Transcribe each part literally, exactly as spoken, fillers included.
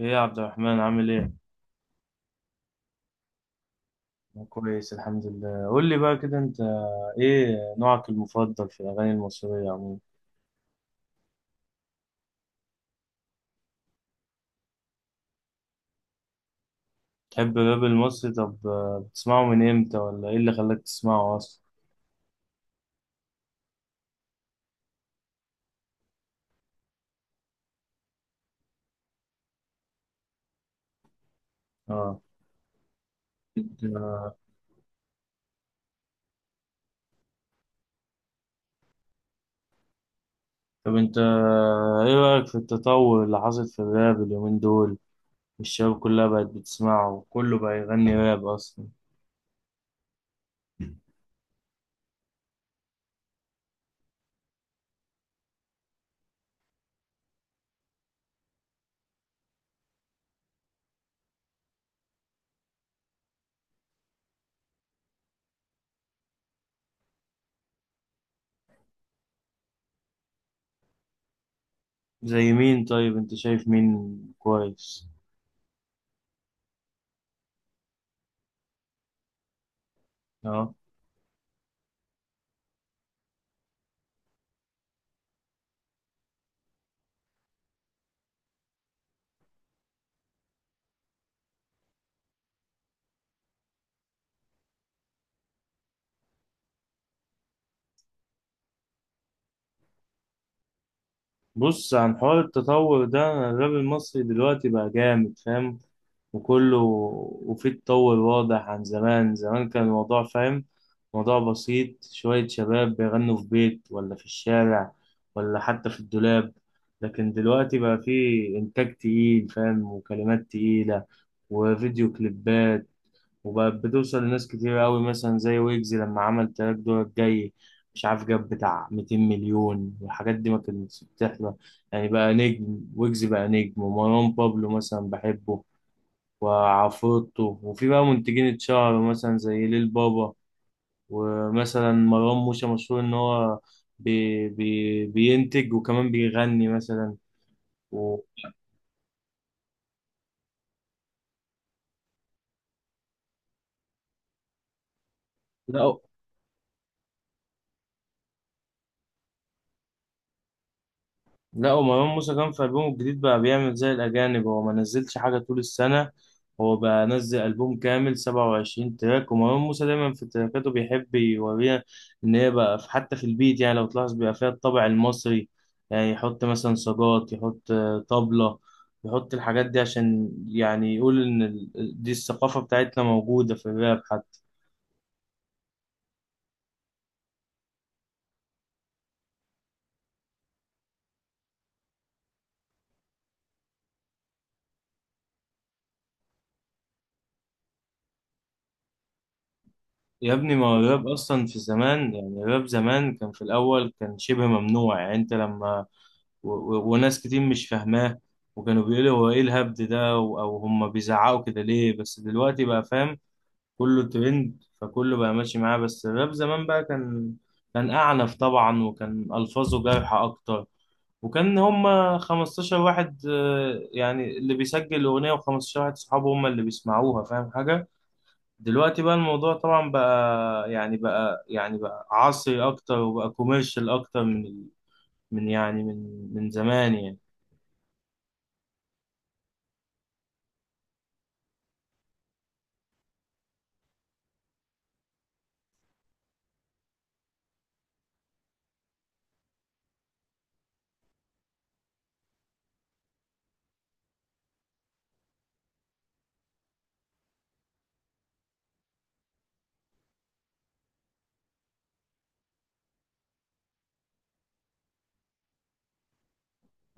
ايه يا عبد الرحمن عامل ايه؟ أنا كويس الحمد لله. قول لي بقى كده، انت ايه نوعك المفضل في الاغاني المصرية عموما؟ تحب الراب المصري؟ طب، آه، بتسمعه من امتى، ولا ايه اللي خلاك تسمعه اصلا؟ اه. طب انت، آه، ايه رأيك في التطور اللي حصل في الراب اليومين دول؟ الشباب كلها بقت بتسمعه، وكله بقى يغني راب اصلا. زي مين؟ طيب، انت شايف مين كويس؟ اه. بص، عن حوار التطور ده، الراب المصري دلوقتي بقى جامد، فاهم، وكله. وفيه تطور واضح عن زمان. زمان كان الموضوع، فاهم، موضوع بسيط، شوية شباب بيغنوا في بيت ولا في الشارع، ولا حتى في الدولاب. لكن دلوقتي بقى فيه إنتاج تقيل، فاهم، وكلمات تقيلة، وفيديو كليبات، وبقت بتوصل لناس كتير أوي. مثلا زي ويجز لما عمل تراك دورك جاي، مش عارف، جاب بتاع 200 مليون، والحاجات دي ما كانتش بتحصل. يعني بقى نجم، ويجز بقى نجم، ومروان بابلو مثلا بحبه، وعفروتو. وفي بقى منتجين اتشهروا، مثلا زي ليل بابا. ومثلا مروان موسى مشهور ان هو بي بي بينتج، وكمان بيغني مثلا. و... لا. لا، ومروان موسى كان في ألبومه الجديد بقى بيعمل زي الأجانب، هو ما نزلش حاجة طول السنة. هو بقى نزل ألبوم كامل، سبعة وعشرين تراك. ومروان موسى دايما في تراكاته بيحب يوريها إن هي بقى في، حتى في البيت، يعني لو تلاحظ بيبقى فيها الطابع المصري. يعني يحط مثلا صاجات، يحط آه، طبلة، يحط الحاجات دي عشان يعني يقول إن ال- ال- دي الثقافة بتاعتنا موجودة في الراب حتى. يا ابني، ما هو الراب أصلا في زمان. يعني الراب زمان كان في الأول كان شبه ممنوع، يعني أنت لما و- و- وناس كتير مش فاهماه. وكانوا بيقولوا هو ايه الهبد ده، و- او هم بيزعقوا كده ليه؟ بس دلوقتي بقى، فاهم، كله ترند، فكله بقى ماشي معاه. بس الراب زمان بقى كان كان أعنف طبعا، وكان ألفاظه جارحة أكتر، وكان هم خمستاشر واحد، آه، يعني اللي بيسجل الأغنية، و15 واحد صحابه هم اللي بيسمعوها، فاهم حاجة؟ دلوقتي بقى الموضوع طبعا، بقى يعني بقى يعني بقى عصري أكتر، وبقى كوميرشال أكتر من ال- من يعني من من زمان يعني.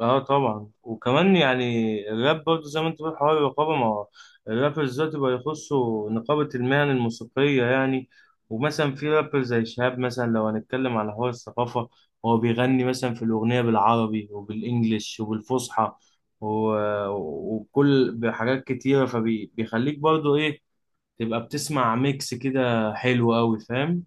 اه، طبعا. وكمان يعني الراب برضه، زي ما انت بتقول، حوار الرقابه. ما هو الرابرز دلوقتي بقى يخصوا نقابه المهن الموسيقيه يعني. ومثلا في رابر زي شهاب، مثلا لو هنتكلم على حوار الثقافه، هو بيغني مثلا في الاغنيه بالعربي وبالانجلش وبالفصحى، و- وبكل بحاجات كتيره، فبيخليك برضه ايه؟ تبقى بتسمع ميكس كده حلو قوي، فاهم.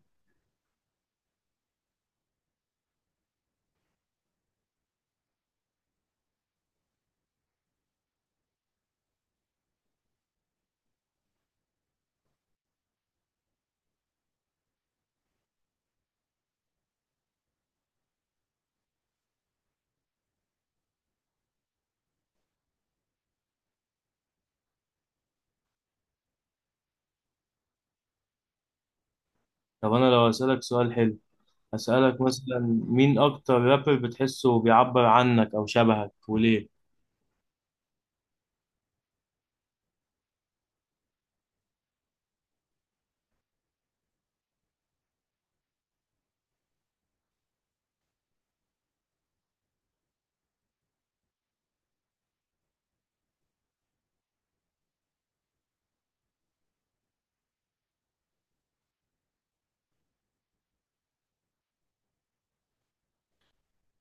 طب انا لو اسالك سؤال حلو، أسألك مثلا، مين أكتر رابر بتحسه بيعبر عنك أو شبهك وليه؟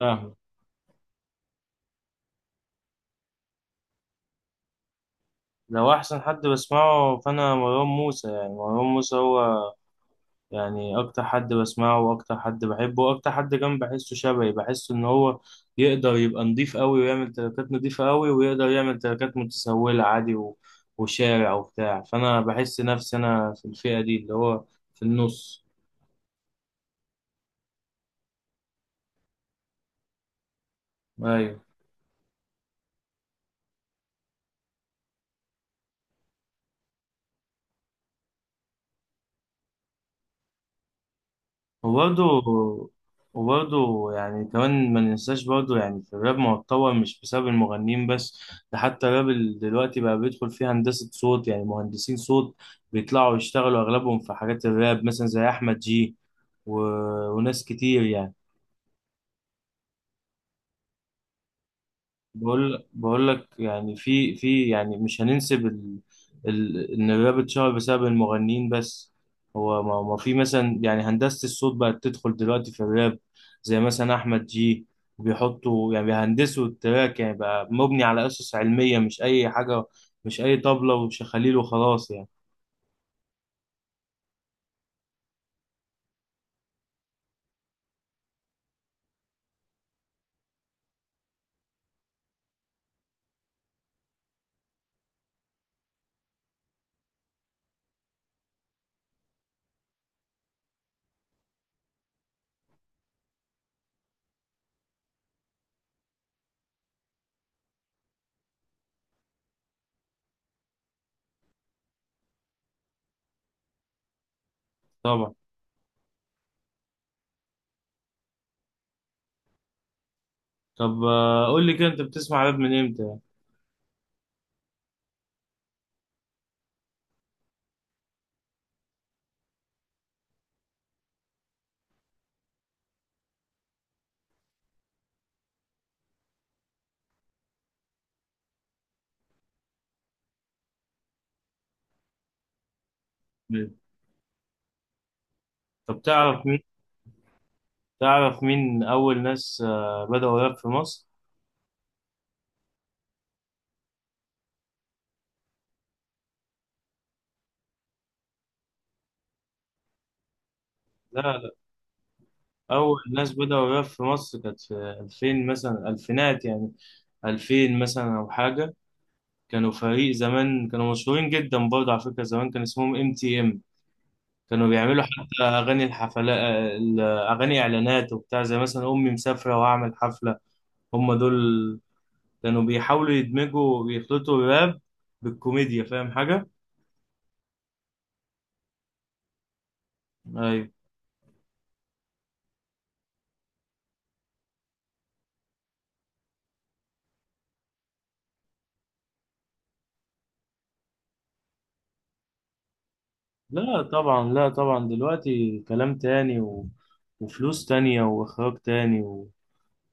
فاهم. لو أحسن حد بسمعه فأنا مروان موسى. يعني مروان موسى هو يعني أكتر حد بسمعه، وأكتر حد بحبه، وأكتر حد كمان بحسه شبهي. بحسه إن هو يقدر يبقى نضيف أوي، ويعمل تراكات نضيفة أوي، ويقدر يعمل تراكات متسولة عادي. و... وشارع وبتاع، فأنا بحس نفسي أنا في الفئة دي، اللي هو في النص. أيوة. وبرضه وبرضه يعني كمان ما ننساش برضه. يعني في الراب، ما هو اتطور مش بسبب المغنيين بس، ده حتى الراب، ال- دلوقتي بقى بيدخل فيه هندسة صوت. يعني مهندسين صوت بيطلعوا يشتغلوا أغلبهم في حاجات الراب، مثلا زي أحمد جي. و... وناس كتير يعني. بقول بقول لك، يعني في في يعني مش هننسب ال... ال... ان الراب اتشهر بسبب المغنيين بس. هو ما, ما في مثلا، يعني هندسة الصوت بقت تدخل دلوقتي في الراب، زي مثلا احمد جي. بيحطوا يعني بيهندسوا التراك، يعني بقى مبني على اسس علمية، مش اي حاجة، مش اي طبلة وشخاليل وخلاص يعني. طبعا. طب، آه، قول لي كده، انت بتسمع راب من امتى؟ يعني. طب، تعرف مين؟ تعرف مين اول ناس آه، بدأوا راب في مصر؟ لا. أول ناس بدأوا الراب في مصر كانت في ألفين مثلا، ألفينات يعني. ألفين مثلا أو حاجة. كانوا فريق زمان، كانوا مشهورين جدا برضه. على فكرة، زمان كان اسمهم ام تي ام. كانوا بيعملوا حتى أغاني الحفلات، أغاني إعلانات وبتاع، زي مثلا أمي مسافرة وأعمل حفلة. هم دول كانوا بيحاولوا يدمجوا ويخلطوا الراب بالكوميديا، فاهم حاجة؟ أيوة. لا طبعا، لا طبعا، دلوقتي كلام تاني، و... وفلوس تانية وإخراج تاني،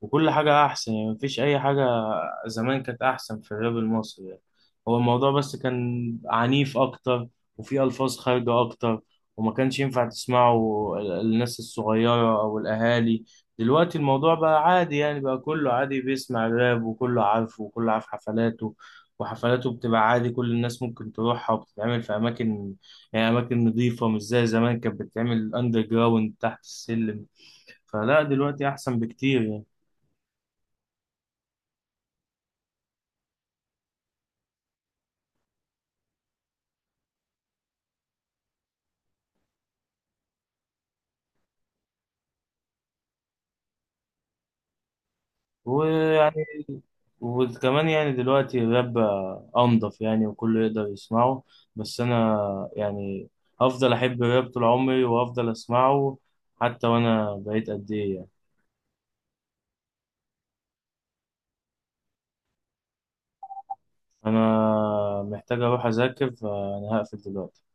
وكل حاجة أحسن، يعني مفيش أي حاجة زمان كانت أحسن في الراب المصري، يعني. هو الموضوع بس كان عنيف أكتر، وفيه ألفاظ خارجة أكتر، وما كانش ينفع تسمعه ال- الناس الصغيرة أو الأهالي. دلوقتي الموضوع بقى عادي، يعني بقى كله عادي بيسمع الراب، وكله عارفه، وكله عارف حفلاته. وحفلاته بتبقى عادي، كل الناس ممكن تروحها، وبتتعمل في أماكن، يعني أماكن نظيفة، مش زي زمان كانت بتتعمل أندر جراوند تحت السلم. فلا، دلوقتي أحسن بكتير يعني. ويعني وكمان يعني دلوقتي الراب بقى أنضف، يعني وكله يقدر يسمعه. بس أنا يعني هفضل أحب الراب طول عمري، وهفضل أسمعه حتى وأنا بقيت قد إيه يعني. أنا محتاج أروح أذاكر، فأنا هقفل دلوقتي.